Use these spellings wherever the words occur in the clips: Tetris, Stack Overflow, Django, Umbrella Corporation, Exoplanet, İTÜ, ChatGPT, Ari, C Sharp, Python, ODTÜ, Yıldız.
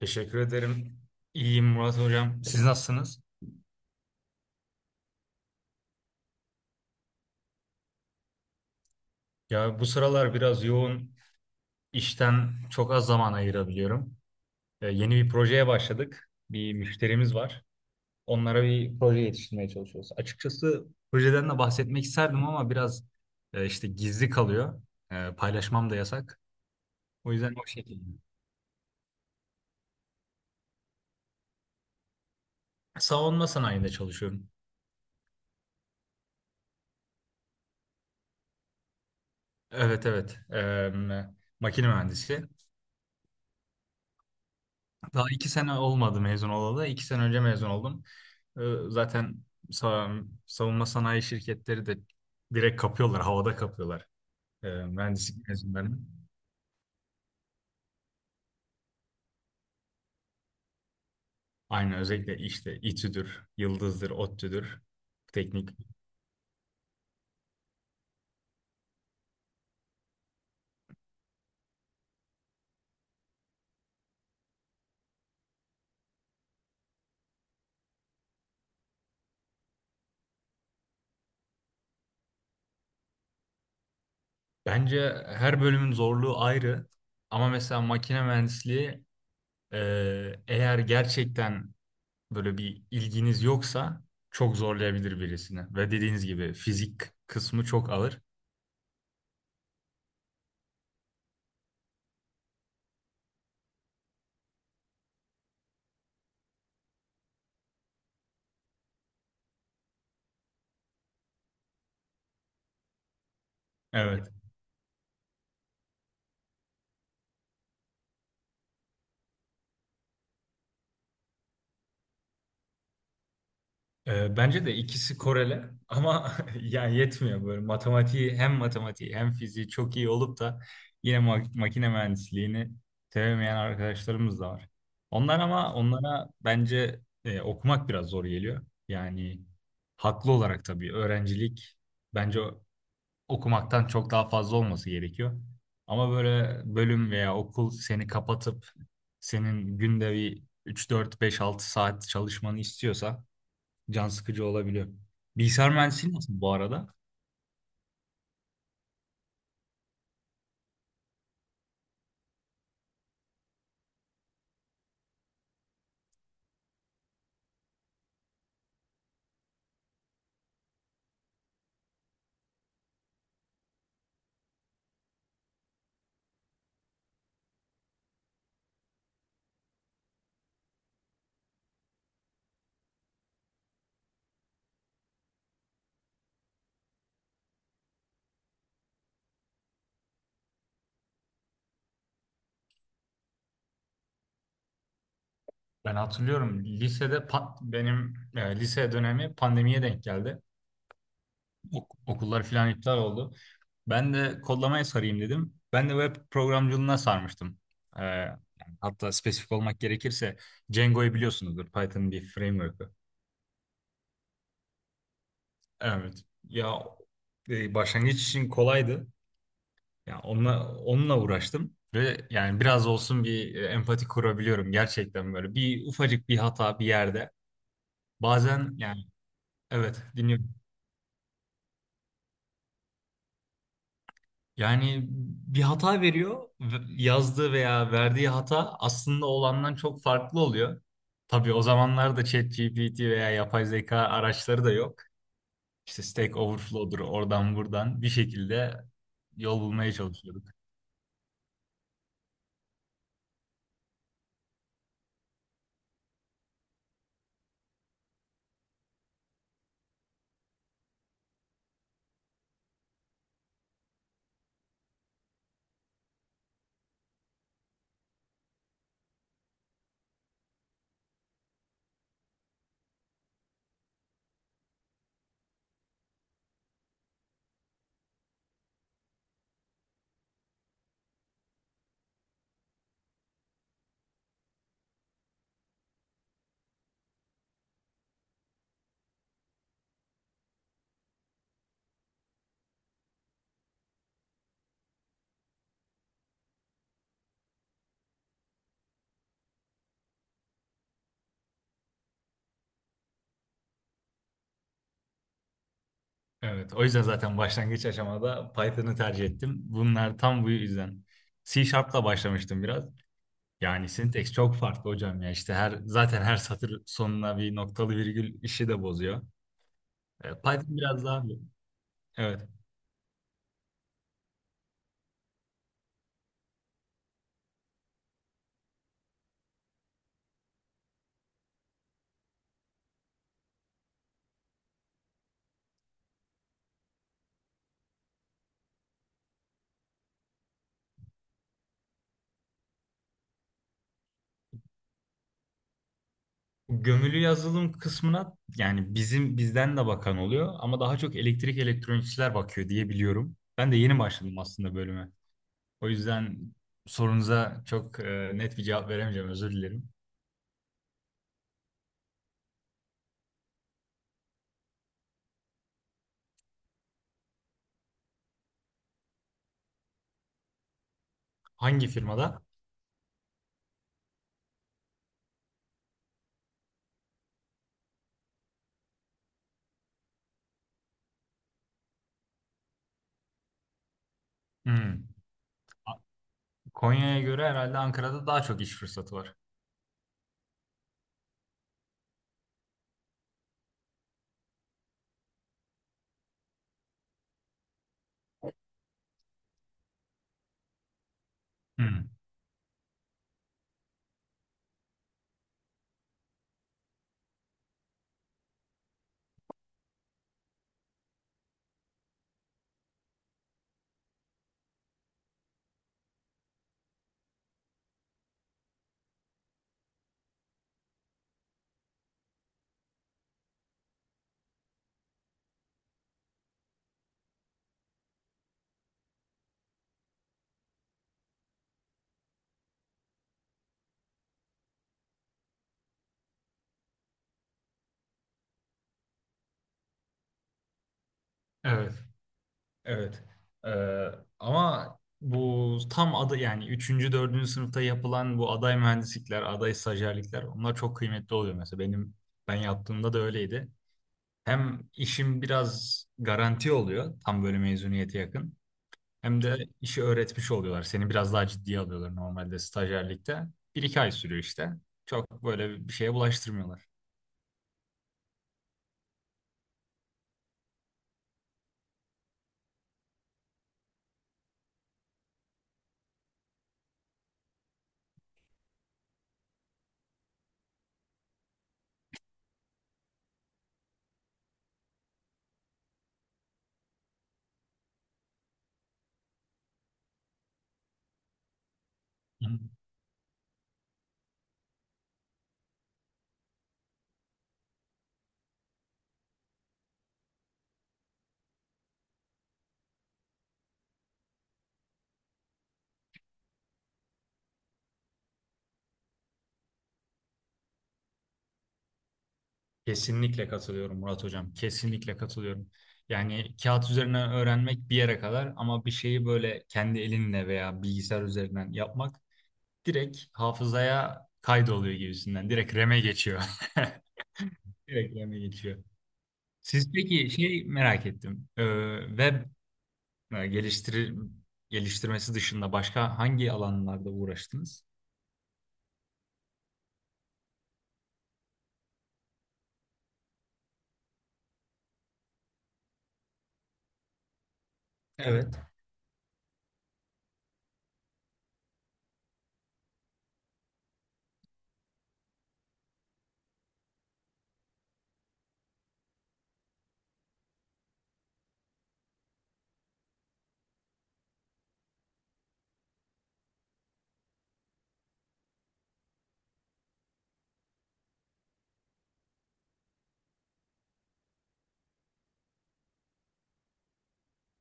Teşekkür ederim. İyiyim Murat Hocam. Siz nasılsınız? Ya bu sıralar biraz yoğun. İşten çok az zaman ayırabiliyorum. Yeni bir projeye başladık. Bir müşterimiz var. Onlara bir proje yetiştirmeye çalışıyoruz. Açıkçası projeden de bahsetmek isterdim ama biraz işte gizli kalıyor. Paylaşmam da yasak. O yüzden o şekilde. Savunma sanayinde çalışıyorum. Evet evet. Makine mühendisi. Daha iki sene olmadı mezun olalı. İki sene önce mezun oldum. Ee, Zaten savunma sanayi şirketleri de direkt kapıyorlar, havada kapıyorlar, mühendislik mezunlarını. Aynı özellikle işte İTÜ'dür, Yıldız'dır, ODTÜ'dür, teknik. Bence her bölümün zorluğu ayrı. Ama mesela makine mühendisliği, e, eğer gerçekten böyle bir ilginiz yoksa çok zorlayabilir birisini. Ve dediğiniz gibi fizik kısmı çok ağır. Evet. Bence de ikisi korele ama yani yetmiyor böyle matematiği hem matematiği hem fiziği çok iyi olup da yine makine mühendisliğini sevemeyen arkadaşlarımız da var. Onlar, ama onlara bence okumak biraz zor geliyor. Yani haklı olarak tabii öğrencilik bence okumaktan çok daha fazla olması gerekiyor. Ama böyle bölüm veya okul seni kapatıp senin günde bir 3 4 5 6 saat çalışmanı istiyorsa can sıkıcı olabiliyor. Bilgisayar mühendisliği nasıl bu arada? Ben hatırlıyorum lisede benim lise dönemi pandemiye denk geldi. Okullar falan iptal oldu. Ben de kodlamaya sarayım dedim. Ben de web programcılığına sarmıştım. Yani hatta spesifik olmak gerekirse Django'yu biliyorsunuzdur. Python'ın bir framework'ı. Evet. Ya, başlangıç için kolaydı. Ya onunla uğraştım ve yani biraz olsun bir empati kurabiliyorum gerçekten böyle. Bir ufacık bir hata bir yerde. Bazen yani, evet, dinliyorum. Yani bir hata veriyor yazdığı veya verdiği hata aslında olandan çok farklı oluyor. Tabii o zamanlarda ChatGPT veya yapay zeka araçları da yok. İşte Stack Overflow'dur, oradan buradan bir şekilde yol bulmaya çalışıyorduk. Evet, o yüzden zaten başlangıç aşamada Python'ı tercih ettim. Bunlar tam bu yüzden. C Sharp'la başlamıştım biraz. Yani syntax çok farklı hocam ya. İşte her zaten her satır sonuna bir noktalı virgül işi de bozuyor. Python biraz daha evet. Gömülü yazılım kısmına yani bizden de bakan oluyor ama daha çok elektrik elektronikçiler bakıyor diye biliyorum. Ben de yeni başladım aslında bölüme. O yüzden sorunuza çok net bir cevap veremeyeceğim, özür dilerim. Hangi firmada? Hmm. Konya'ya göre herhalde Ankara'da daha çok iş fırsatı var. Hı. Evet, evet. Ee, Ama bu tam adı yani üçüncü dördüncü sınıfta yapılan bu aday mühendislikler, aday stajyerlikler onlar çok kıymetli oluyor. Mesela ben yaptığımda da öyleydi. Hem işim biraz garanti oluyor tam böyle mezuniyete yakın. Hem de işi öğretmiş oluyorlar. Seni biraz daha ciddiye alıyorlar normalde stajyerlikte. Bir iki ay sürüyor işte. Çok böyle bir şeye bulaştırmıyorlar. Kesinlikle katılıyorum Murat Hocam. Kesinlikle katılıyorum. Yani kağıt üzerine öğrenmek bir yere kadar ama bir şeyi böyle kendi elinle veya bilgisayar üzerinden yapmak direkt hafızaya kaydoluyor gibisinden. Direkt RAM'e geçiyor. Direkt RAM'e geçiyor. Siz peki şey merak ettim. Web e, geliştir geliştirmesi dışında başka hangi alanlarda uğraştınız? Evet.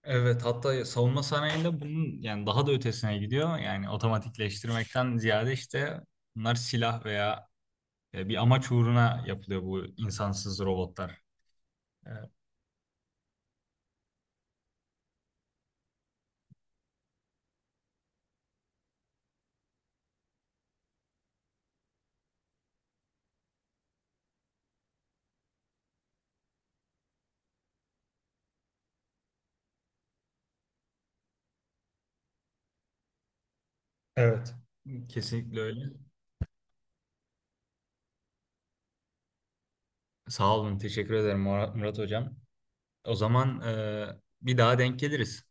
Evet, hatta savunma sanayinde bunun yani daha da ötesine gidiyor. Yani otomatikleştirmekten ziyade işte bunlar silah veya bir amaç uğruna yapılıyor bu insansız robotlar. E, Evet. Kesinlikle öyle. Sağ olun, teşekkür ederim Murat Hocam. O zaman, bir daha denk geliriz.